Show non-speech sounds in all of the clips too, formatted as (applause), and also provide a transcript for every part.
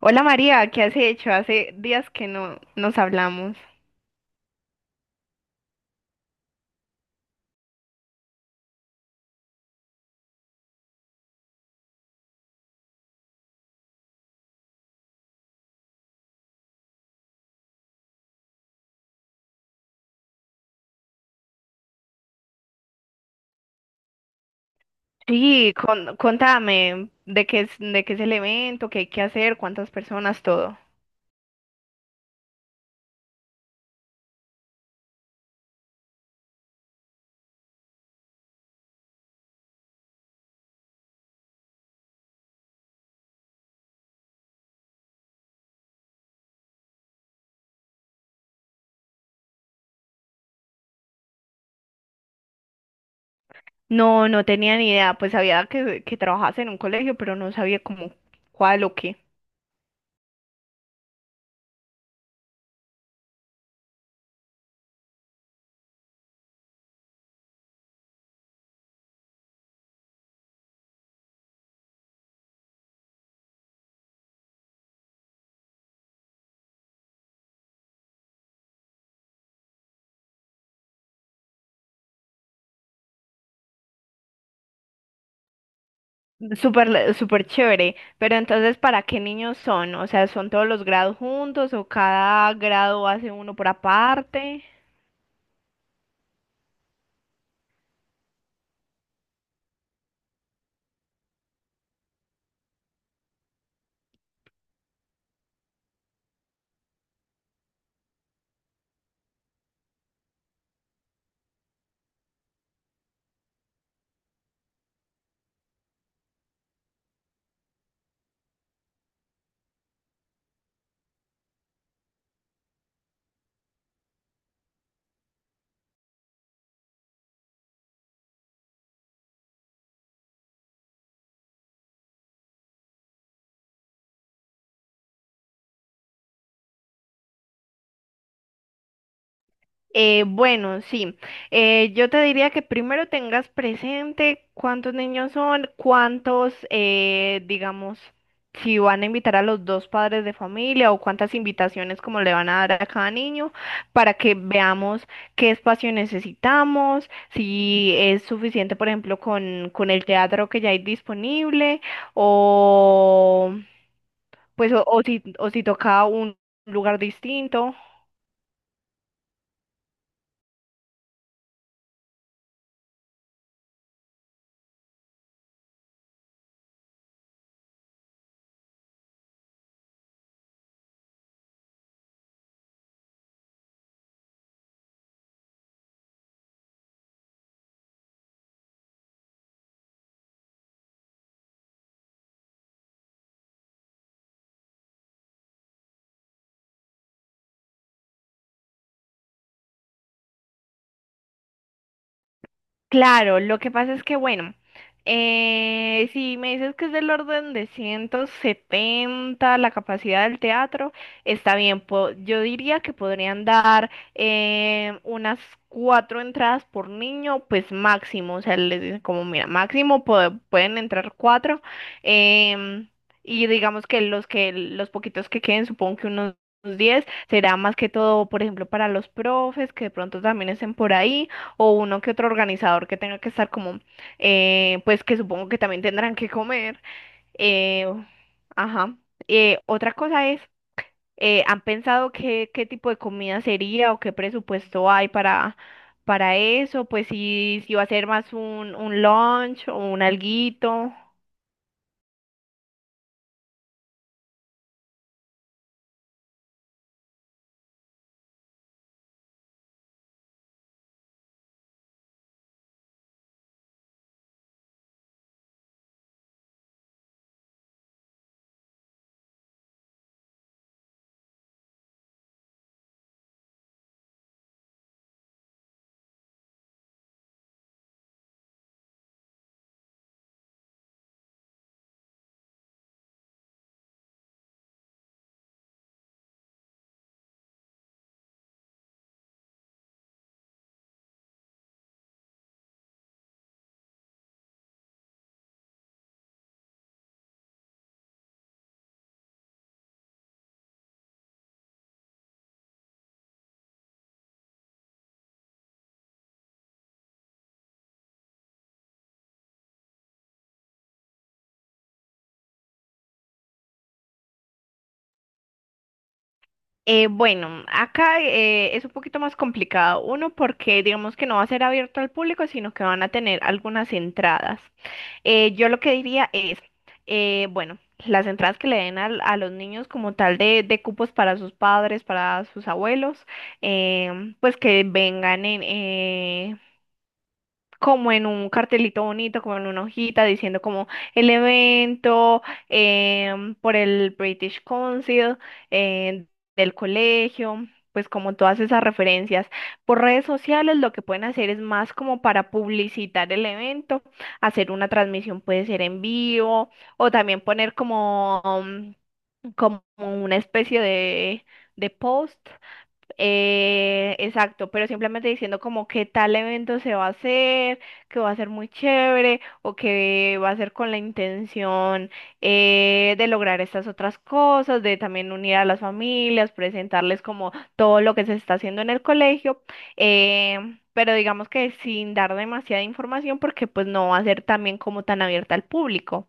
Hola María, ¿qué has hecho? Hace días que no nos hablamos. Sí, contame de qué es el evento, qué hay que hacer, cuántas personas, todo. No, no tenía ni idea, pues sabía que trabajas en un colegio, pero no sabía cómo cuál o qué. Súper, súper chévere, pero entonces, ¿para qué niños son? O sea, ¿son todos los grados juntos o cada grado hace uno por aparte? Bueno, sí. Yo te diría que primero tengas presente cuántos niños son, cuántos, digamos, si van a invitar a los dos padres de familia o cuántas invitaciones como le van a dar a cada niño para que veamos qué espacio necesitamos, si es suficiente, por ejemplo, con el teatro que ya hay disponible o pues o si toca un lugar distinto. Claro, lo que pasa es que, bueno, si me dices que es del orden de 170 la capacidad del teatro, está bien. Yo diría que podrían dar unas 4 entradas por niño, pues máximo. O sea, les dicen como, mira, máximo pueden entrar 4. em, y digamos que los poquitos que queden, supongo que unos 10, será más que todo, por ejemplo, para los profes que de pronto también estén por ahí o uno que otro organizador que tenga que estar como, pues que supongo que también tendrán que comer. eh, ajá. Otra cosa es, ¿han pensado qué tipo de comida sería o qué presupuesto hay para eso? Pues si, si va a ser más un lunch o un alguito. Bueno, acá es un poquito más complicado. Uno, porque digamos que no va a ser abierto al público, sino que van a tener algunas entradas. Yo lo que diría es, bueno, las entradas que le den a los niños como tal de cupos para sus padres, para sus abuelos, pues que vengan como en un cartelito bonito, como en una hojita, diciendo como el evento por el British Council, eh, del colegio, pues como todas esas referencias. Por redes sociales lo que pueden hacer es más como para publicitar el evento, hacer una transmisión puede ser en vivo o también poner como, como una especie de post. Exacto, pero simplemente diciendo como qué tal evento se va a hacer, que va a ser muy chévere o que va a ser con la intención de lograr estas otras cosas, de también unir a las familias, presentarles como todo lo que se está haciendo en el colegio, eh, pero digamos que sin dar demasiada información porque pues no va a ser también como tan abierta al público.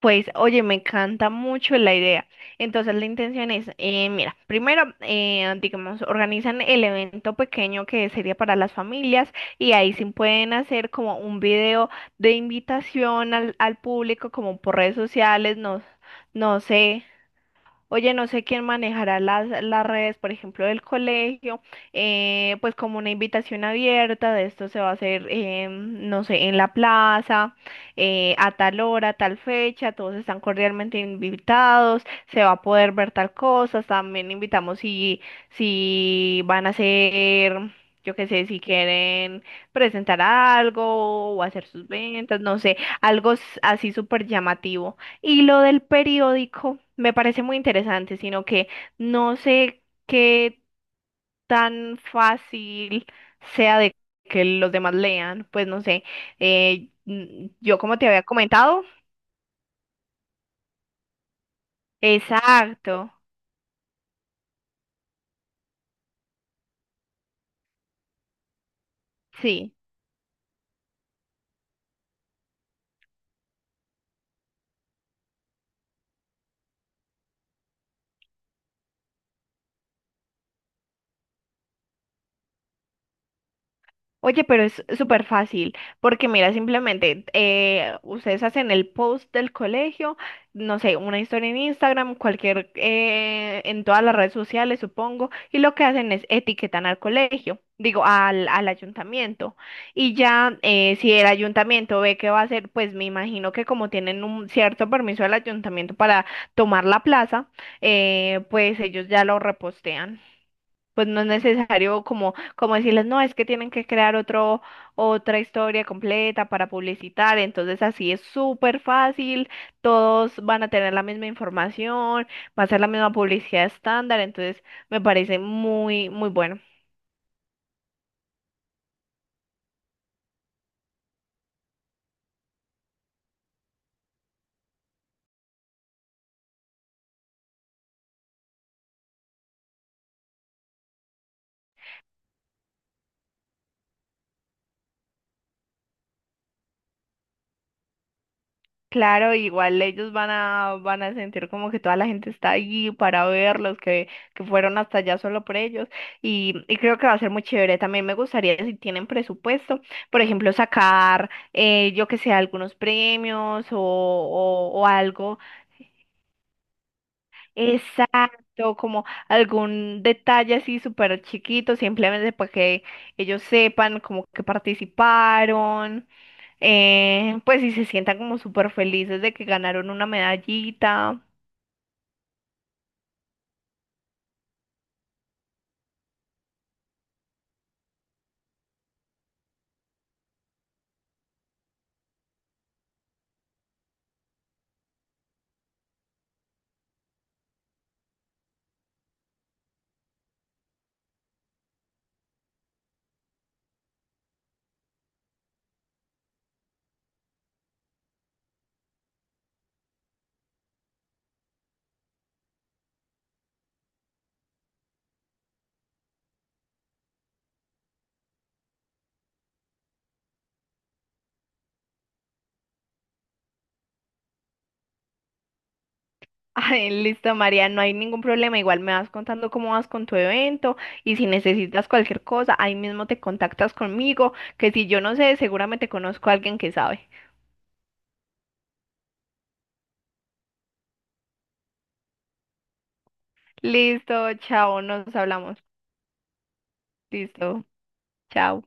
Pues, oye, me encanta mucho la idea. Entonces, la intención es, mira, primero, digamos, organizan el evento pequeño que sería para las familias y ahí sí pueden hacer como un video de invitación al público, como por redes sociales, no, no sé. Oye, no sé quién manejará las redes, por ejemplo, del colegio, pues como una invitación abierta, de esto se va a hacer, no sé, en la plaza, a tal hora, tal fecha, todos están cordialmente invitados, se va a poder ver tal cosa, también invitamos si, si van a hacer, yo qué sé, si quieren presentar algo o hacer sus ventas, no sé, algo así súper llamativo. Y lo del periódico me parece muy interesante, sino que no sé qué tan fácil sea de que los demás lean, pues no sé. Yo como te había comentado, exacto, sí. Oye, pero es súper fácil, porque mira, simplemente ustedes hacen el post del colegio, no sé, una historia en Instagram, cualquier, en todas las redes sociales, supongo, y lo que hacen es etiquetan al colegio, digo, al ayuntamiento. Y ya, si el ayuntamiento ve que va a hacer, pues me imagino que como tienen un cierto permiso del ayuntamiento para tomar la plaza, pues ellos ya lo repostean, pues no es necesario como, como decirles, no, es que tienen que crear otra historia completa para publicitar, entonces así es súper fácil, todos van a tener la misma información, va a ser la misma publicidad estándar, entonces me parece muy bueno. Claro, igual ellos van a, van a sentir como que toda la gente está allí para verlos, que fueron hasta allá solo por ellos. Y creo que va a ser muy chévere. También me gustaría, si tienen presupuesto, por ejemplo, sacar, yo que sé, algunos premios o algo. Exacto, como algún detalle así súper chiquito, simplemente para que ellos sepan como que participaron, pues y se sientan como súper felices de que ganaron una medallita. (laughs) Ay, listo, María, no hay ningún problema. Igual me vas contando cómo vas con tu evento y si necesitas cualquier cosa, ahí mismo te contactas conmigo, que si yo no sé, seguramente conozco a alguien que sabe. Listo, chao, nos hablamos. Listo, chao.